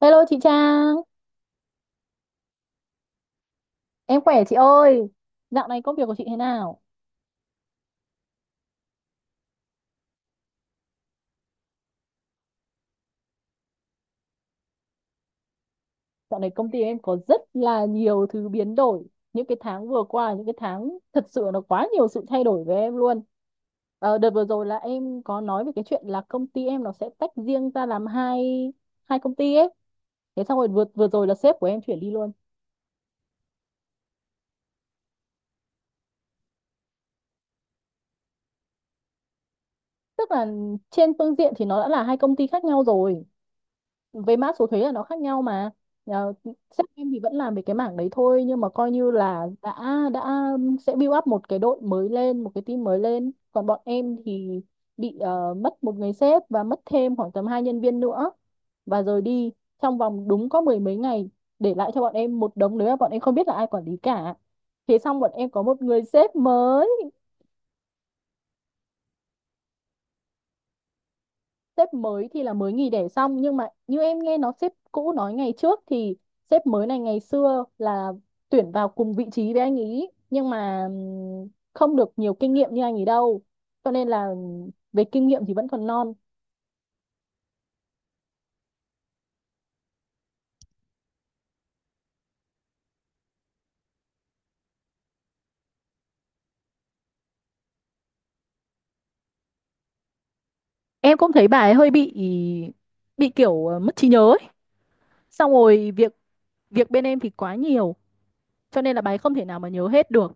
Hello chị Trang, em khỏe chị ơi. Dạo này công việc của chị thế nào? Dạo này công ty em có rất là nhiều thứ biến đổi. Những cái tháng vừa qua, những cái tháng thật sự nó quá nhiều sự thay đổi với em luôn. Đợt vừa rồi là em có nói về cái chuyện là công ty em nó sẽ tách riêng ra làm hai hai công ty ấy. Thế xong rồi vừa vừa rồi là sếp của em chuyển đi luôn. Tức là trên phương diện thì nó đã là hai công ty khác nhau rồi, với mã số thuế là nó khác nhau mà. Ờ, Sếp em thì vẫn làm về cái mảng đấy thôi nhưng mà coi như là đã sẽ build up một cái đội mới lên, một cái team mới lên, còn bọn em thì bị mất một người sếp và mất thêm khoảng tầm hai nhân viên nữa và rồi đi trong vòng đúng có mười mấy ngày, để lại cho bọn em một đống đấy mà bọn em không biết là ai quản lý cả. Thế xong bọn em có một người sếp mới. Sếp mới thì là mới nghỉ đẻ xong nhưng mà như em nghe nó sếp cũ nói ngày trước thì sếp mới này ngày xưa là tuyển vào cùng vị trí với anh ý nhưng mà không được nhiều kinh nghiệm như anh ý đâu, cho nên là về kinh nghiệm thì vẫn còn non. Em cũng thấy bà ấy hơi bị kiểu mất trí nhớ ấy. Xong rồi việc việc bên em thì quá nhiều cho nên là bà ấy không thể nào mà nhớ hết được.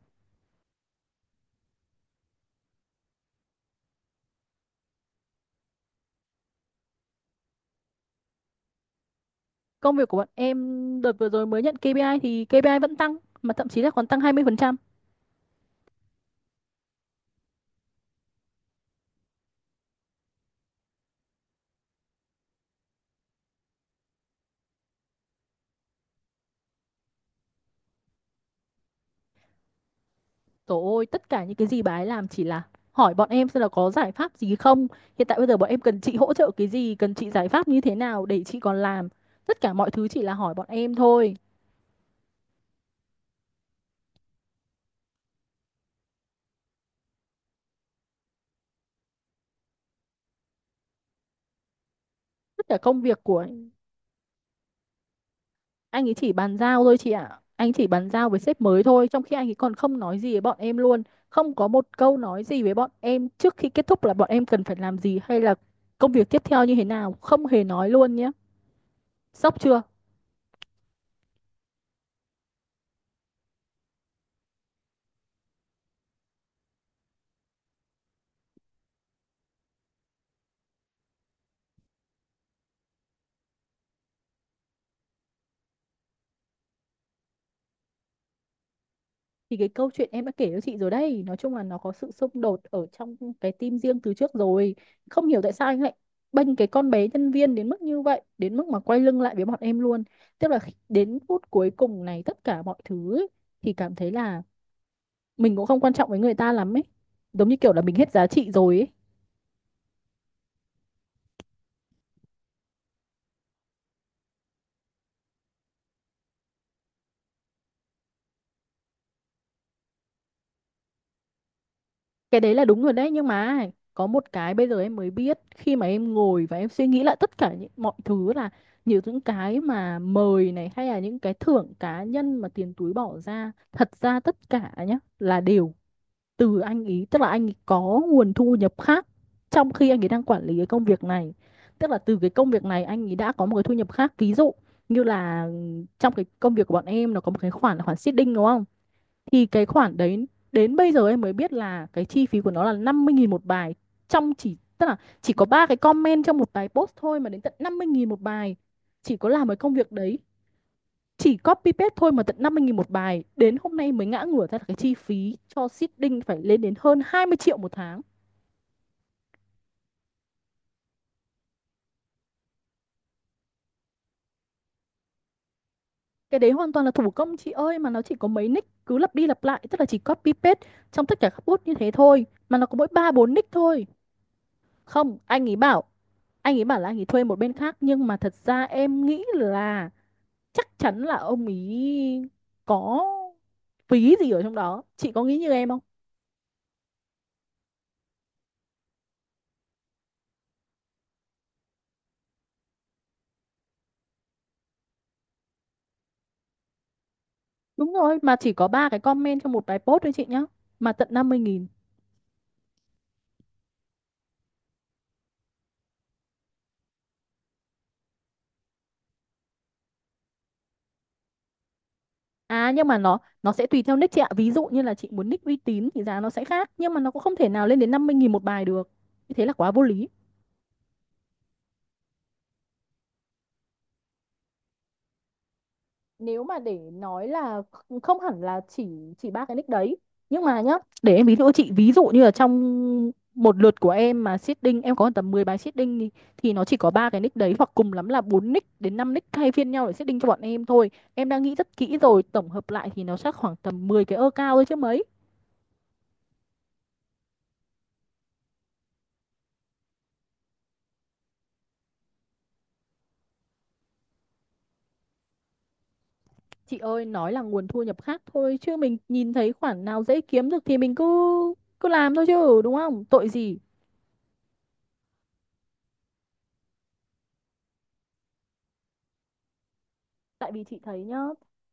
Công việc của bọn em đợt vừa rồi mới nhận KPI thì KPI vẫn tăng, mà thậm chí là còn tăng 20%. Trời ơi, tất cả những cái gì bà ấy làm chỉ là hỏi bọn em xem là có giải pháp gì không. Hiện tại bây giờ bọn em cần chị hỗ trợ cái gì, cần chị giải pháp như thế nào để chị còn làm. Tất cả mọi thứ chỉ là hỏi bọn em thôi. Tất cả công việc của anh ấy chỉ bàn giao thôi chị ạ. Anh chỉ bàn giao với sếp mới thôi, trong khi anh ấy còn không nói gì với bọn em luôn. Không có một câu nói gì với bọn em trước khi kết thúc là bọn em cần phải làm gì hay là công việc tiếp theo như thế nào. Không hề nói luôn nhé. Sốc chưa? Thì cái câu chuyện em đã kể cho chị rồi đây, nói chung là nó có sự xung đột ở trong cái team riêng từ trước rồi. Không hiểu tại sao anh lại bênh cái con bé nhân viên đến mức như vậy, đến mức mà quay lưng lại với bọn em luôn. Tức là khi- đến phút cuối cùng này, tất cả mọi thứ ấy, thì cảm thấy là mình cũng không quan trọng với người ta lắm ấy, giống như kiểu là mình hết giá trị rồi ấy. Cái đấy là đúng rồi đấy, nhưng mà có một cái bây giờ em mới biết khi mà em ngồi và em suy nghĩ lại tất cả những mọi thứ là nhiều những cái mà mời này hay là những cái thưởng cá nhân mà tiền túi bỏ ra, thật ra tất cả nhá là đều từ anh ý. Tức là anh ý có nguồn thu nhập khác trong khi anh ấy đang quản lý cái công việc này. Tức là từ cái công việc này anh ấy đã có một cái thu nhập khác, ví dụ như là trong cái công việc của bọn em nó có một cái khoản là khoản seeding đúng không. Thì cái khoản đấy, đến bây giờ em mới biết là cái chi phí của nó là 50.000 một bài. Trong chỉ Tức là chỉ có ba cái comment trong một bài post thôi mà đến tận 50.000 một bài. Chỉ có làm cái công việc đấy, chỉ copy paste thôi mà tận 50.000 một bài. Đến hôm nay mới ngã ngửa ra là cái chi phí cho seeding phải lên đến hơn 20 triệu một tháng. Cái đấy hoàn toàn là thủ công chị ơi, mà nó chỉ có mấy nick cứ lặp đi lặp lại, tức là chỉ copy paste trong tất cả các post như thế thôi, mà nó có mỗi ba bốn nick thôi. Không, anh ấy bảo anh ấy bảo là anh ấy thuê một bên khác, nhưng mà thật ra em nghĩ là chắc chắn là ông ý có phí gì ở trong đó. Chị có nghĩ như em không? Đúng rồi, mà chỉ có ba cái comment cho một bài post thôi chị nhá, mà tận năm mươi nghìn. À, nhưng mà nó sẽ tùy theo nick chị ạ, ví dụ như là chị muốn nick uy tín thì giá nó sẽ khác, nhưng mà nó cũng không thể nào lên đến 50.000 một bài được. Như thế là quá vô lý. Nếu mà để nói là không hẳn là chỉ ba cái nick đấy, nhưng mà nhá, để em ví dụ cho chị. Ví dụ như là trong một lượt của em mà seeding em có tầm 10 bài seeding thì nó chỉ có ba cái nick đấy hoặc cùng lắm là bốn nick đến 5 nick thay phiên nhau để seeding cho bọn em thôi. Em đang nghĩ rất kỹ rồi tổng hợp lại thì nó chắc khoảng tầm 10 cái ơ cao thôi chứ mấy. Chị ơi, nói là nguồn thu nhập khác thôi chứ mình nhìn thấy khoản nào dễ kiếm được thì mình cứ cứ làm thôi chứ, đúng không, tội gì. Tại vì chị thấy nhá,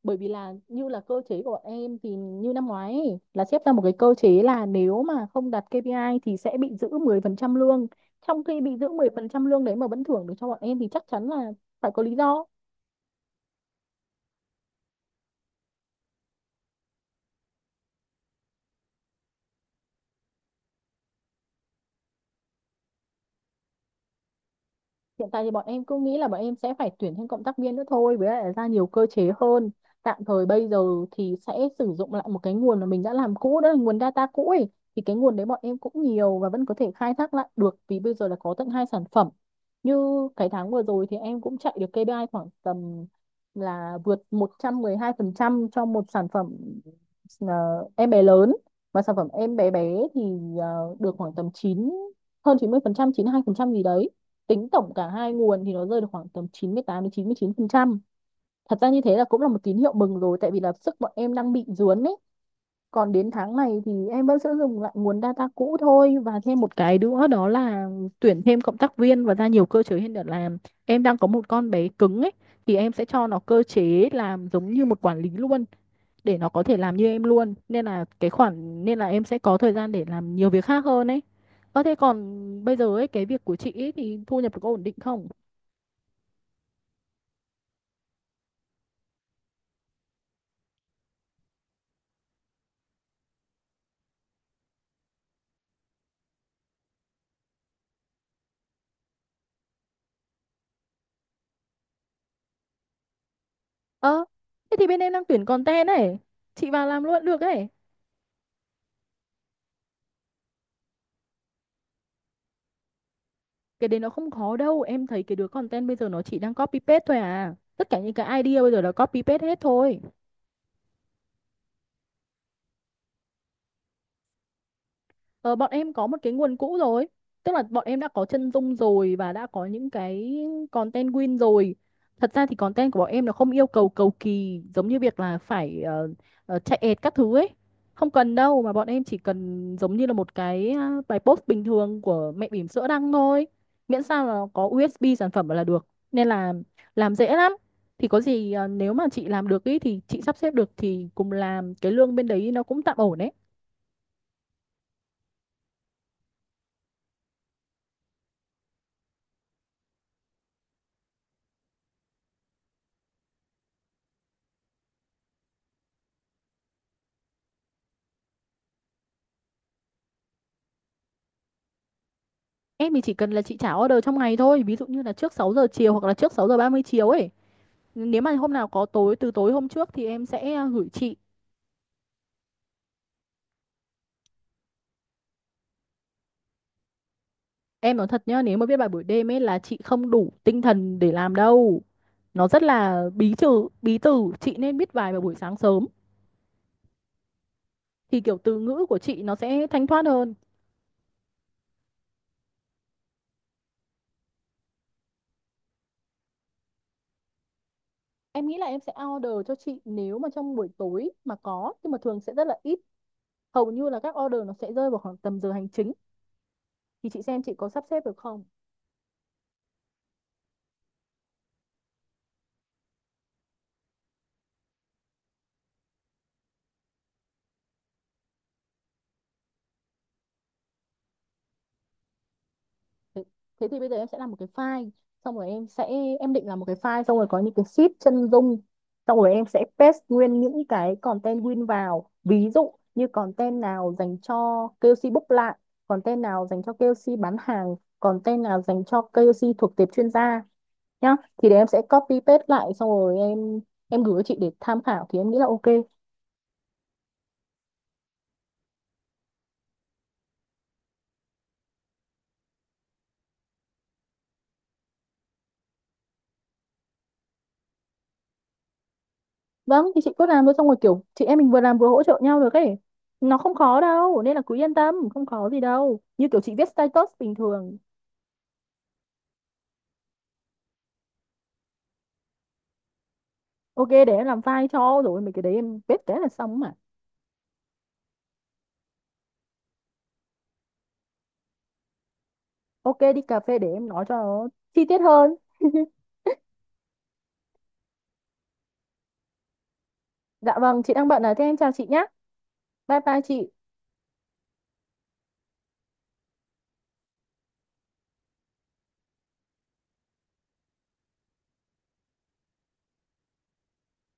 bởi vì là như là cơ chế của bọn em thì như năm ngoái ấy, là xếp ra một cái cơ chế là nếu mà không đạt KPI thì sẽ bị giữ 10% lương. Trong khi bị giữ 10% lương đấy mà vẫn thưởng được cho bọn em thì chắc chắn là phải có lý do. Hiện tại thì bọn em cứ nghĩ là bọn em sẽ phải tuyển thêm cộng tác viên nữa thôi, với lại là ra nhiều cơ chế hơn. Tạm thời bây giờ thì sẽ sử dụng lại một cái nguồn mà mình đã làm cũ, đó là nguồn data cũ ấy. Thì cái nguồn đấy bọn em cũng nhiều và vẫn có thể khai thác lại được, vì bây giờ là có tận hai sản phẩm. Như cái tháng vừa rồi thì em cũng chạy được KPI khoảng tầm là vượt 112% cho một sản phẩm, ờ, em bé lớn, và sản phẩm em bé bé thì được khoảng tầm 9, hơn 90%, 92% gì đấy. Tính tổng cả hai nguồn thì nó rơi được khoảng tầm 98 đến chín chín mươi chín phần trăm. Thật ra như thế là cũng là một tín hiệu mừng rồi, tại vì là sức bọn em đang bị dướn ấy. Còn đến tháng này thì em vẫn sẽ dùng lại nguồn data cũ thôi và thêm một cái nữa đó là tuyển thêm cộng tác viên và ra nhiều cơ chế hơn để làm. Em đang có một con bé cứng ấy thì em sẽ cho nó cơ chế làm giống như một quản lý luôn, để nó có thể làm như em luôn. Nên là cái khoản, nên là em sẽ có thời gian để làm nhiều việc khác hơn ấy. Có thế còn bây giờ ấy cái việc của chị ấy thì thu nhập được có ổn định không? Ơ, thế thì bên em đang tuyển content ấy. Chị vào làm luôn được ấy. Cái đấy nó không khó đâu. Em thấy cái đứa content bây giờ nó chỉ đang copy paste thôi à. Tất cả những cái idea bây giờ là copy paste hết thôi. Ờ, Bọn em có một cái nguồn cũ rồi. Tức là bọn em đã có chân dung rồi và đã có những cái content win rồi. Thật ra thì content của bọn em nó không yêu cầu cầu kỳ giống như việc là phải chạy ad các thứ ấy. Không cần đâu, mà bọn em chỉ cần giống như là một cái bài post bình thường của mẹ bỉm sữa đăng thôi. Miễn sao là có USB sản phẩm là được. Nên là làm dễ lắm. Thì có gì nếu mà chị làm được ý, thì chị sắp xếp được thì cùng làm, cái lương bên đấy nó cũng tạm ổn đấy. Em thì chỉ cần là chị trả order trong ngày thôi, ví dụ như là trước 6 giờ chiều hoặc là trước 6:30 chiều ấy. Nếu mà hôm nào có tối từ tối hôm trước thì em sẽ gửi chị. Em nói thật nhá, nếu mà viết bài buổi đêm ấy là chị không đủ tinh thần để làm đâu. Nó rất là bí từ, chị nên viết bài vào buổi sáng sớm thì kiểu từ ngữ của chị nó sẽ thanh thoát hơn. Em nghĩ là em sẽ order cho chị nếu mà trong buổi tối mà có, nhưng mà thường sẽ rất là ít. Hầu như là các order nó sẽ rơi vào khoảng tầm giờ hành chính, thì chị xem chị có sắp xếp được không? Thế thì bây giờ em sẽ làm một cái file xong rồi em sẽ em định làm một cái file xong rồi có những cái sheet chân dung, xong rồi em sẽ paste nguyên những cái content win vào, ví dụ như content nào dành cho KOC book lại, content nào dành cho KOC bán hàng, content nào dành cho KOC thuộc tệp chuyên gia nhá, thì để em sẽ copy paste lại xong rồi em gửi cho chị để tham khảo thì em nghĩ là ok. Vâng thì chị cứ làm thôi xong rồi kiểu chị em mình vừa làm vừa hỗ trợ nhau được ấy. Nó không khó đâu nên là cứ yên tâm, không khó gì đâu. Như kiểu chị viết status bình thường. Ok để em làm file cho rồi mấy cái đấy em viết cái là xong mà. Ok đi cà phê để em nói cho nó chi tiết hơn. Dạ vâng, chị đang bận à thế em chào chị nhé. Bye bye chị.